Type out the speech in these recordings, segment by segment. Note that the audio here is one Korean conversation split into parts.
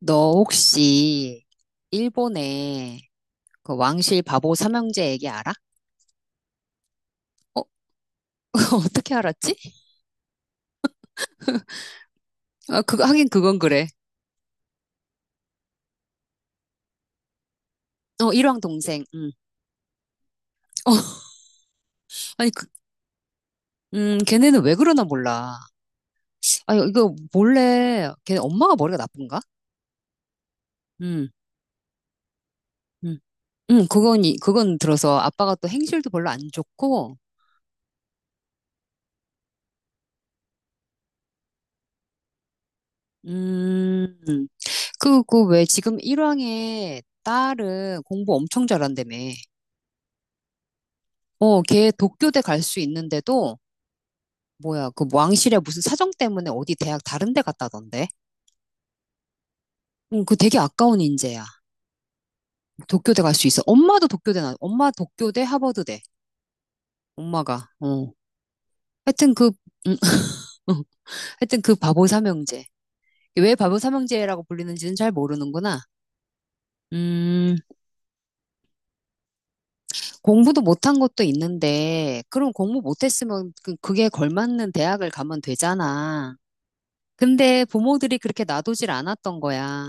너 혹시 일본의 그 왕실 바보 삼형제 얘기 알아? 어, 어떻게 알았지? 아, 그거 하긴 그건 그래. 어, 일왕 동생. 음. 어, 아니 걔네는 왜 그러나 몰라. 아, 이거 몰래 걔네 엄마가 머리가 나쁜가? 음. 음. 그건 들어서 아빠가 또 행실도 별로 안 좋고. 음. 그그 왜 지금 일왕의 딸은 공부 엄청 잘한다며. 어, 걔 도쿄대 갈 수 있는데도 뭐야, 그 왕실에 무슨 사정 때문에 어디 대학 다른 데 갔다던데? 응, 그 되게 아까운 인재야. 도쿄대 갈 수 있어. 엄마 도쿄대 하버드대. 엄마가, 어. 하여튼 음, 하여튼 그 바보 삼형제. 왜 바보 삼형제라고 불리는지는 잘 모르는구나. 음, 공부도 못한 것도 있는데, 그럼 공부 못했으면 그게 걸맞는 대학을 가면 되잖아. 근데 부모들이 그렇게 놔두질 않았던 거야.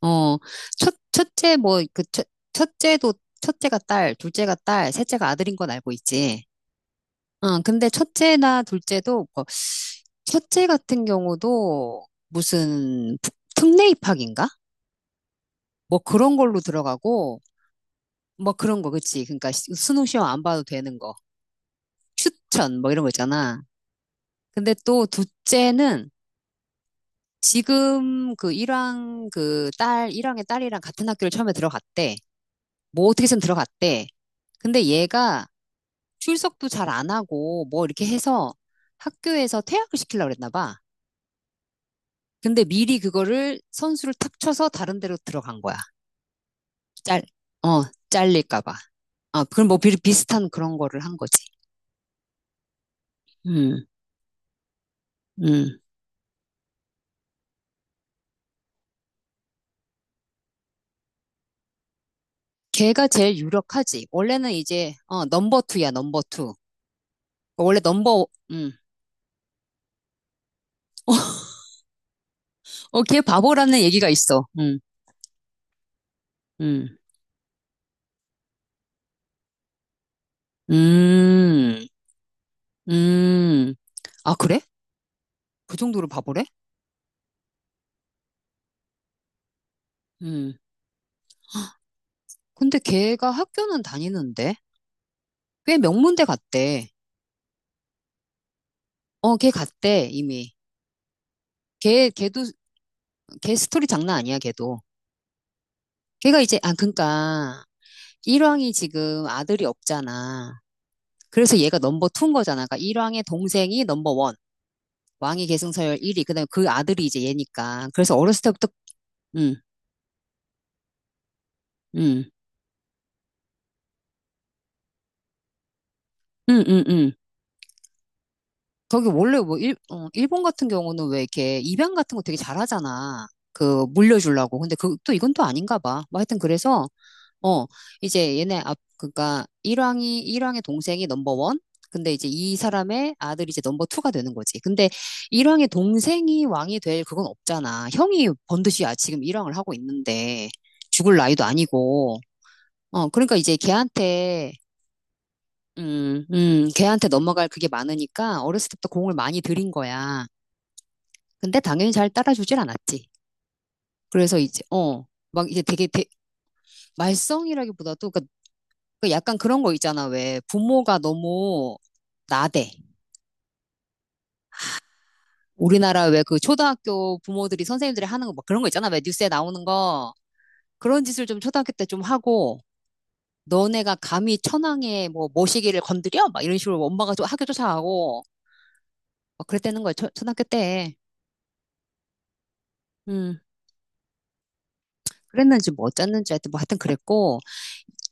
어, 첫, 첫째, 뭐, 그, 첫, 첫째도, 첫째가 딸, 둘째가 딸, 셋째가 아들인 건 알고 있지. 응, 근데 첫째나 둘째도, 첫째 같은 경우도 무슨 특례 입학인가? 뭐 그런 걸로 들어가고, 뭐 그런 거, 그치. 그러니까 수능 시험 안 봐도 되는 거. 추천, 뭐 이런 거 있잖아. 근데 또 둘째는 지금 일왕의 딸이랑 같은 학교를 처음에 들어갔대. 뭐 어떻게 해서 들어갔대. 근데 얘가 출석도 잘 안 하고 뭐 이렇게 해서 학교에서 퇴학을 시키려고 그랬나 봐. 근데 미리 그거를 선수를 탁 쳐서 다른 데로 들어간 거야. 짤, 어, 잘릴까 봐. 아, 그럼 뭐 비슷한 그런 거를 한 거지. 음. 음. 걔가 제일 유력하지. 원래는 넘버 투야, 넘버 투. 원래 넘버, 음. 어, 걔 바보라는 얘기가 있어. 음. 음. 음. 음. 아, 그래? 그 정도로 바보래? 음. 근데 걔가 학교는 다니는데? 꽤 명문대 갔대. 어, 걔 갔대, 이미. 걔, 걔도, 걔 스토리 장난 아니야, 걔도. 걔가 이제, 일왕이 지금 아들이 없잖아. 그래서 얘가 넘버 투인 거잖아. 그러니까 일왕의 동생이 넘버 원, 왕위 계승서열 1위, 그 다음에 그 아들이 이제 얘니까. 그래서 어렸을 때부터, 응, 응, 응, 응, 응. 거기 원래 일본 같은 경우는 왜 이렇게 입양 같은 거 되게 잘하잖아. 물려주려고. 근데 또 이건 또 아닌가 봐. 뭐 하여튼 그래서, 어, 그러니까 일왕의 동생이 넘버원? 근데 이제 이 사람의 아들이 이제 넘버투가 되는 거지. 근데 일왕의 동생이 왕이 될 그건 없잖아. 형이 번듯이 지금 일왕을 하고 있는데 죽을 나이도 아니고. 어, 그러니까 이제 걔한테 넘어갈 그게 많으니까 어렸을 때부터 공을 많이 들인 거야. 근데 당연히 잘 따라주질 않았지. 그래서 막 이제 되게 말썽이라기보다도 그 약간 그런 거 있잖아. 왜 부모가 너무 나대. 우리나라 왜 그 초등학교 부모들이 선생님들이 하는 거 막 그런 거 있잖아. 왜 뉴스에 나오는 거. 그런 짓을 좀 초등학교 때 좀 하고 너네가 감히 천황의 뭐 모시기를 건드려? 막 이런 식으로 엄마가 좀 학교 쫓아가고 막 그랬다는 거야. 초등학교 때. 음. 그랬는지 뭐 어쨌는지 하여튼 뭐 하여튼 그랬고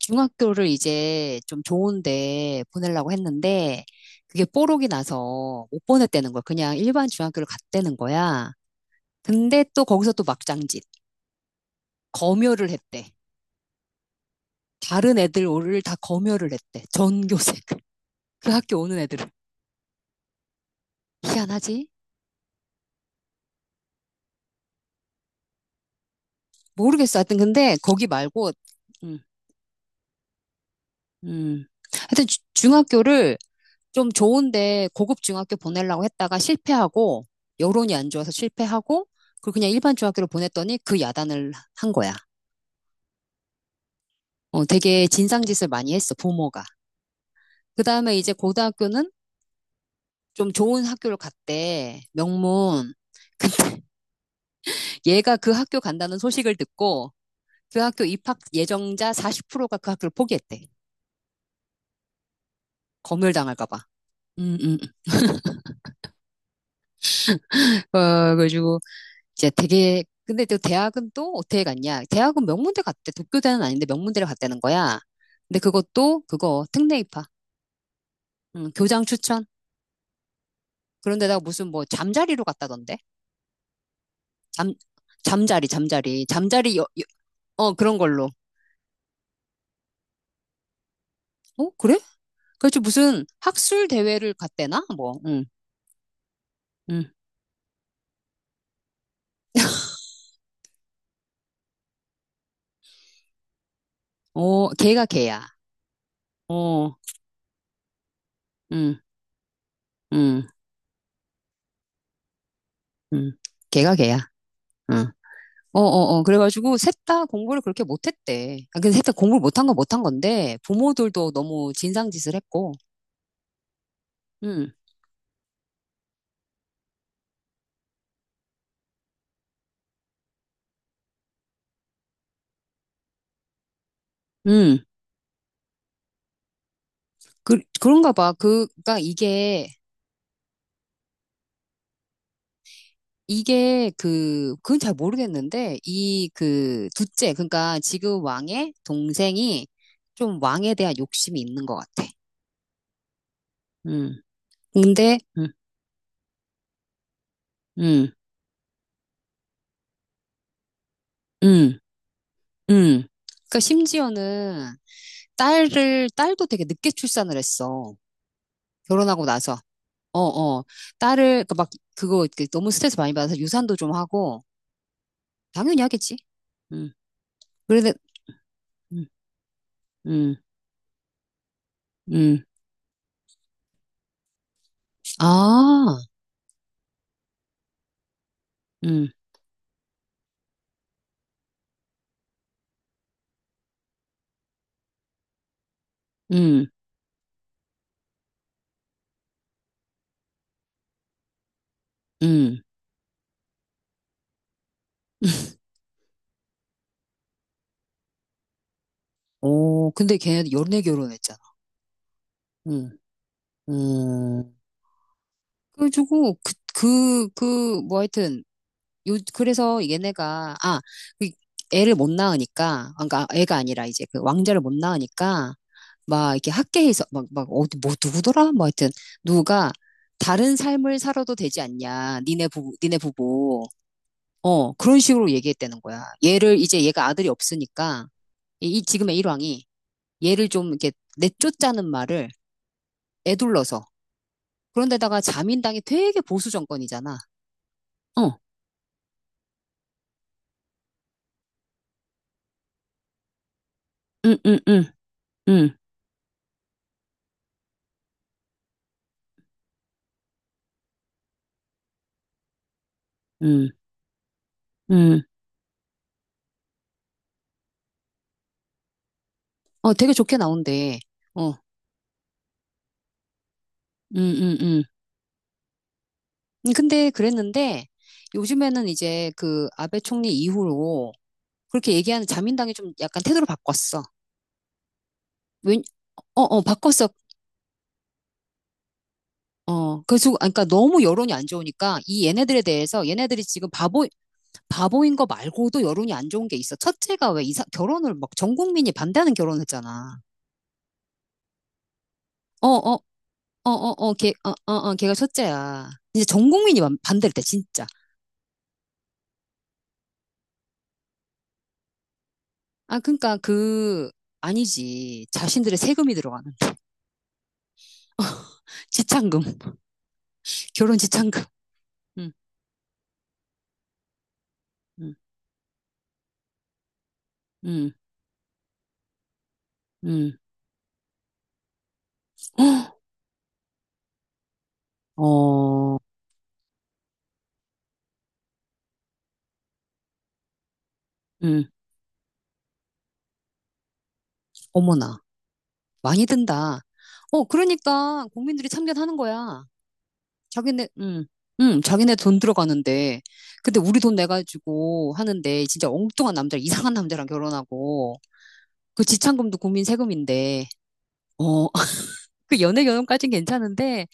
중학교를 이제 좀 좋은데 보내려고 했는데 그게 뽀록이 나서 못 보냈다는 거야. 그냥 일반 중학교를 갔다는 거야. 근데 또 거기서 또 막장짓. 검열을 했대. 다른 애들 오를 다 검열을 했대. 전교생. 그 학교 오는 애들을. 희한하지? 모르겠어. 하여튼 근데 거기 말고. 음, 음. 하여튼 중학교를 좀 좋은데 고급 중학교 보내려고 했다가 실패하고, 여론이 안 좋아서 실패하고, 그리고 그냥 일반 중학교로 보냈더니 그 야단을 한 거야. 어, 되게 진상짓을 많이 했어, 부모가. 그 다음에 이제 고등학교는 좀 좋은 학교를 갔대. 명문. 얘가 그 학교 간다는 소식을 듣고 그 학교 입학 예정자 40%가 그 학교를 포기했대. 검열당할까 봐. 음. 음. 어, 그래가지고 이제 되게 근데 또 대학은 또 어떻게 갔냐? 대학은 명문대 갔대. 도쿄대는 아닌데 명문대를 갔다는 거야. 근데 그것도 그거 특례 입학. 교장 추천. 그런데다가 무슨 뭐 잠자리로 갔다던데. 잠 잠자리 잠자리 잠자리 어 그런 걸로. 어 그래? 그래서 무슨 학술 대회를 갔대나 뭐. 응. 응. 어 걔가 걔야. 어. 응, 응, 응. 걔가 걔야. 응. 어, 어, 어. 그래가지고 셋다 공부를 그렇게 못했대. 아, 근데 셋 다 공부를 못한 건 못한 건데 부모들도 너무 진상짓을 했고. 응, 응. 그런가 봐. 그니까 이게 그건 잘 모르겠는데 이 그 둘째 그러니까 지금 왕의 동생이 좀 왕에 대한 욕심이 있는 것 같아. 응. 근데 응, 응, 응, 응. 그러니까 심지어는 딸도 되게 늦게 출산을 했어. 결혼하고 나서. 어, 어. 딸을, 그 막, 그거 이렇게 너무 스트레스 많이 받아서 유산도 좀 하고, 당연히 하겠지. 음. 그런데, 음, 음, 음. 아, 음, 음, 음. 오, 근데 걔네 연애 결혼했잖아. 응, 음. 그래가지고, 뭐 하여튼, 그래서 얘네가, 그 애를 못 낳으니까, 그까 애가 아니라 이제 그 왕자를 못 낳으니까, 막 이렇게 학계에서, 어디, 뭐, 누구더라? 뭐 하여튼, 누가 다른 삶을 살아도 되지 않냐. 니네 부부, 니네 부부. 어, 그런 식으로 얘기했다는 거야. 이제 얘가 아들이 없으니까, 이 지금의 일왕이 얘를 좀 이렇게 내쫓자는 말을 애둘러서. 그런데다가 자민당이 되게 보수 정권이잖아. 어, 응, 응, 응, 응, 응, 응. 어, 되게 좋게 나온대. 어, 음, 음. 근데 그랬는데 요즘에는 이제 그 아베 총리 이후로 그렇게 얘기하는 자민당이 좀 약간 태도를 바꿨어. 왜, 바꿨어. 어, 그래서, 그러니까 너무 여론이 안 좋으니까 이 얘네들에 대해서 얘네들이 지금 바보, 바보인 거 말고도 여론이 안 좋은 게 있어. 첫째가 왜 결혼을 막 전 국민이 반대하는 결혼을 했잖아. 어, 어, 어, 어, 어, 걔가 첫째야. 이제 전 국민이 반대를 때, 진짜. 아, 그러니까 그 아니지. 자신들의 세금이 들어가는 지참금, 결혼 지참금. 음, 음, 음, 음. 어, 음, 어머나, 많이 든다. 어, 그러니까 국민들이 참견하는 거야. 자기네, 음, 자기네 돈 들어가는데, 근데 우리 돈 내가지고 하는데 진짜 엉뚱한 남자, 이상한 남자랑 결혼하고 그 지참금도 국민 세금인데, 어, 그 연애 결혼까진 괜찮은데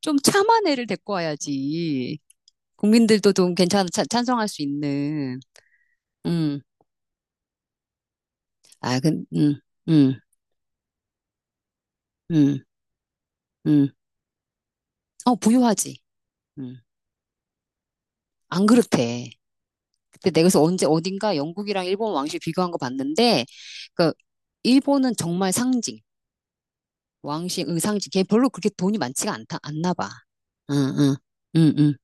좀 참한 애를 데리고 와야지. 국민들도 좀 괜찮아, 찬성할 수 있는, 음, 아, 근, 음, 음, 음, 음, 부유하지. 음, 안 그렇대. 그때 내가 그래서 언제, 어딘가 영국이랑 일본 왕실 비교한 거 봤는데, 그, 일본은 정말 상징, 왕실, 상징. 걔 별로 그렇게 돈이 많지가 않나 봐. 응, 응, 응, 응,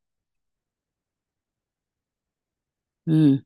응.